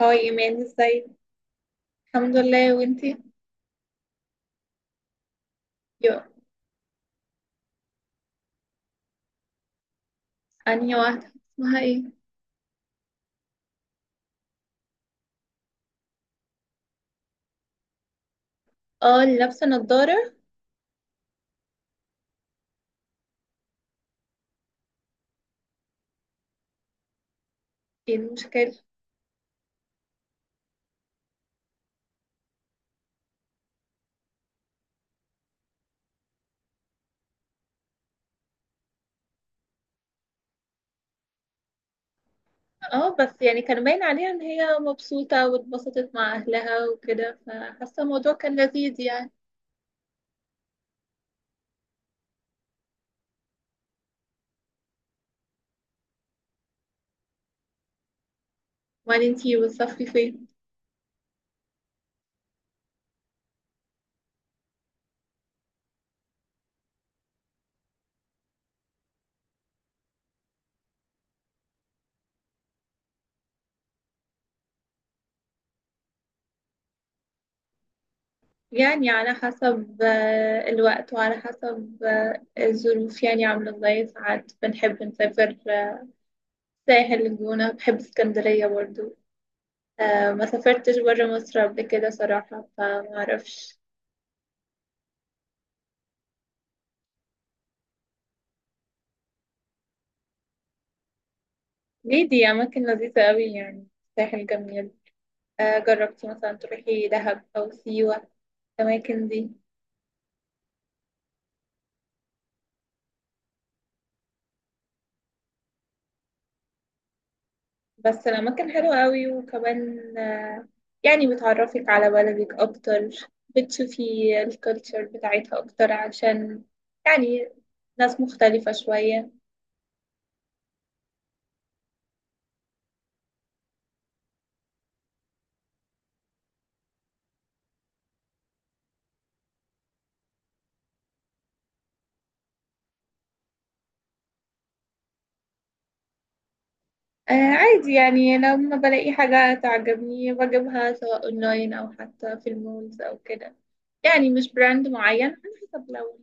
هاي ايمان، ازاي؟ الحمد لله، وانتي؟ يو. انهي واحده، اسمها ايه؟ اه، اللي لابسه نضاره. ايه المشكله؟ اه، بس يعني كان باين عليها ان هي مبسوطه واتبسطت مع اهلها وكده، فحاسه الموضوع كان لذيذ يعني. وبعدين انتي بتصفي فين؟ يعني على حسب الوقت، وعلى حسب الظروف، يعني عامله ازاي. ساعات بنحب نسافر، ساحل الجونه، بحب اسكندريه برضو. ما سافرتش برا مصر قبل كده صراحة، فما اعرفش. ليه؟ دي أماكن لذيذة قوي يعني. ساحل جميل. جربتي مثلا تروحي دهب أو سيوة؟ الأماكن دي. بس الأماكن حلوة قوي، وكمان يعني بتعرفك على بلدك أكتر. بتشوفي الكالتشر بتاعتها أكتر، عشان يعني ناس مختلفة شوية. عادي، يعني لما بلاقي حاجة تعجبني بجيبها، سواء اونلاين او حتى في المولز او كده. يعني مش براند معين، على حسب، لو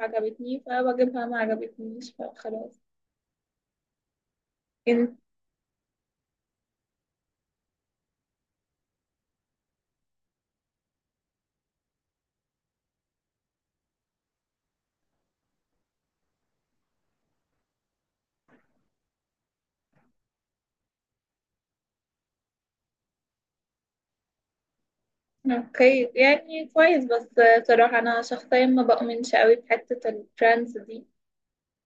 عجبتني فبجيبها، ما عجبتنيش فخلاص. إن- اوكي، يعني كويس، بس صراحة انا شخصيا ما بؤمنش قوي بحتة البراندز دي.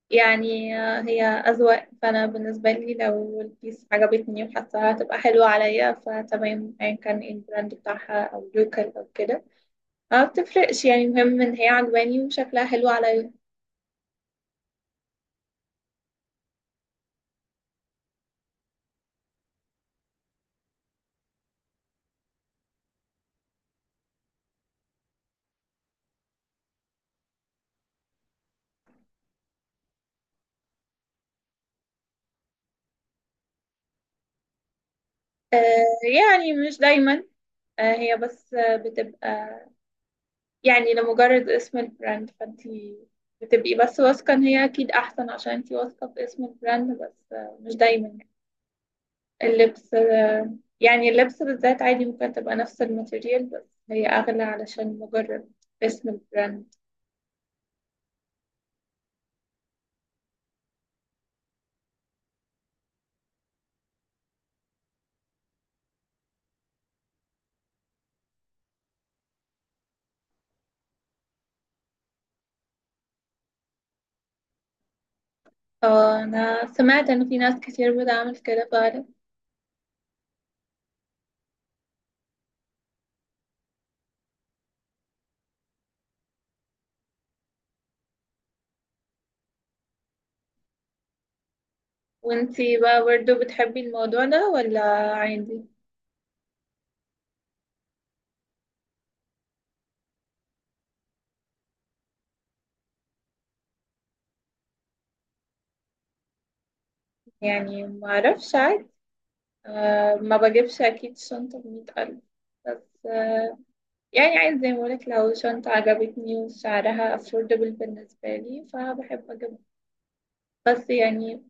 يعني هي أذواق، فأنا بالنسبة لي لو البيس عجبتني وحاسة هتبقى حلوة عليا فتمام، أيا كان إيه البراند بتاعها، أو لوكال أو كده. ما بتفرقش، يعني المهم ان هي عجباني وشكلها حلو عليا. آه يعني مش دايما. هي بس بتبقى يعني لمجرد اسم البراند، فانتي بتبقي بس واثقة ان هي اكيد احسن، عشان انتي واثقة باسم البراند، بس مش دايما يعني. اللبس، يعني اللبس بالذات عادي ممكن تبقى نفس الماتيريال، بس هي اغلى علشان مجرد اسم البراند. انا سمعت ان في ناس كتير بتعمل كده فعلا. وانتي بقى برضو بتحبي الموضوع ده ولا عادي؟ يعني ما اعرفش، عادي. أه، ما بجيبش اكيد شنطة بمية ألف، بس أه، يعني عايز زي ما بقولك، لو شنطة عجبتني وسعرها affordable بالنسبة لي فبحب اجيبها، بس يعني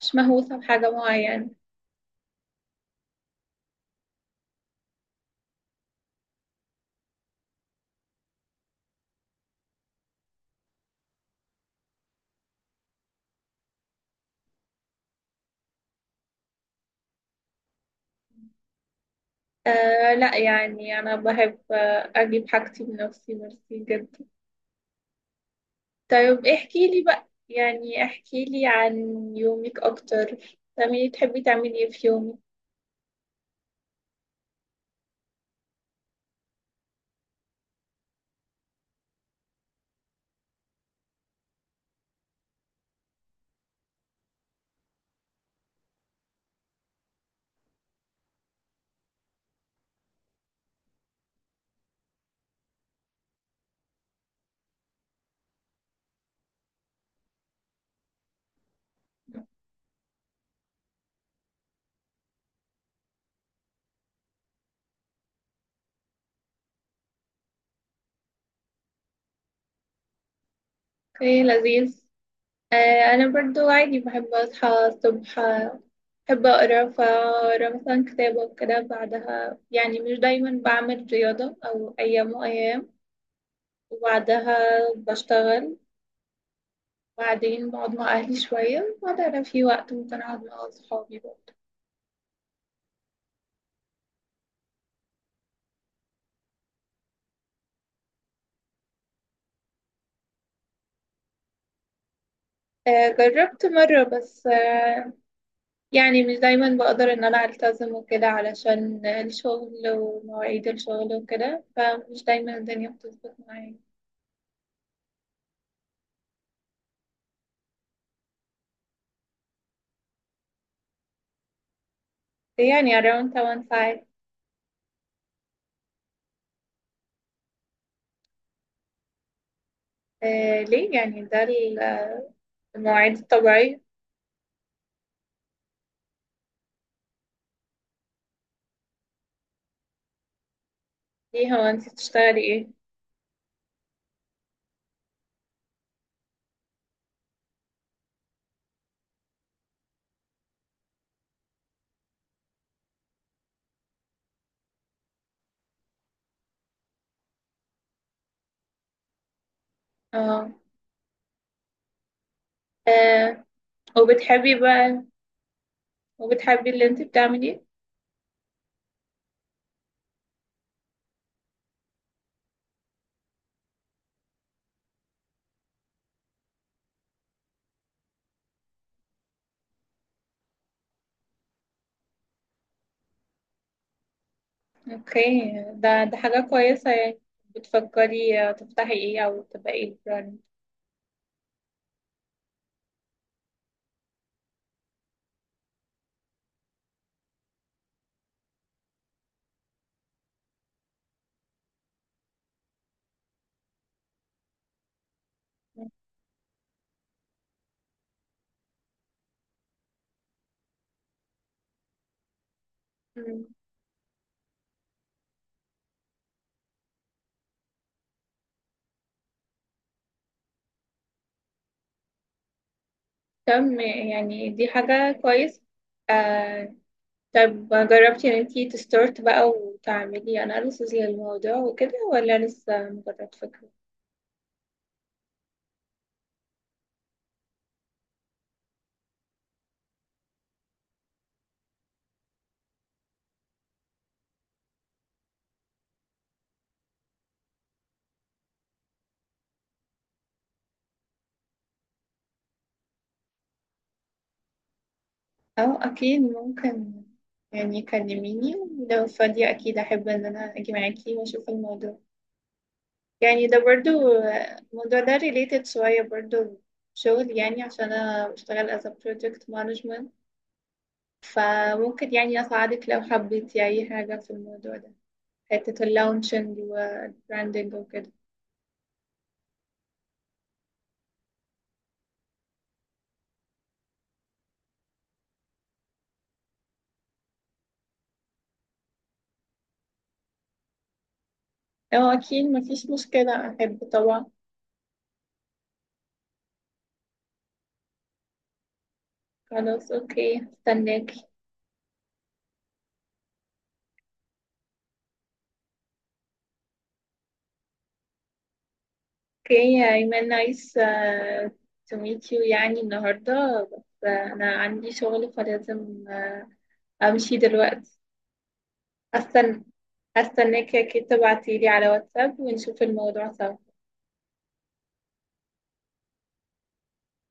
مش مهووسة بحاجة معينة. أه لا، يعني انا بحب اجيب حاجتي بنفسي، ميرسي جدا. طيب احكي لي بقى، يعني احكي لي عن يومك اكتر. تعملي، تحبي تعملي ايه في يومك؟ ايه لذيذ. انا برضو عادي بحب اصحى الصبح، بحب اقرا، فاقرا مثلا كتابة وكده. بعدها يعني مش دايما بعمل رياضة، او ايام وايام، وبعدها بشتغل. بعدين بقعد مع اهلي شوية، وبعدها لو في وقت ممكن اقعد مع اصحابي برضو. جربت مرة، بس يعني مش دايما بقدر ان انا التزم وكده، علشان الشغل ومواعيد الشغل وكده، فمش دايما الدنيا بتظبط معايا. يعني around 1.5. ليه؟ يعني ده ال- آه، المواعيد الطبيعية. ليه، هو انت بتشتغلي ايه؟ اه. آه، وبتحبي بقى؟ اللي انت بتعمليه؟ اوكي، ده حاجة كويسة يعني. بتفكري تفتحي ايه، او تبقى ايه البراند؟ مم. تم، يعني دي حاجة كويسة. آه طب جربتي ان انتي تستارت بقى وتعملي اناليسز للموضوع وكده، ولا لسه مجرد فكرة؟ اه اكيد ممكن، يعني كلميني، لو فاضية اكيد احب ان انا اجي معاكي واشوف الموضوع. يعني ده برضو، الموضوع ده related شوية، برضو شغل، يعني عشان انا بشتغل as a project management. فممكن يعني اساعدك لو حبيتي اي حاجة في الموضوع ده، حتة اللونشنج والبراندنج وكده. اه اكيد مفيش مشكلة، احب طبعا. خلاص، اوكي، استناك. اوكي ايمن، نايس تو ميت يو يعني النهارده، بس انا عندي شغل فلازم امشي دلوقتي. هستنى هستناك كده، تبعتيلي على واتساب ونشوف الموضوع سوا.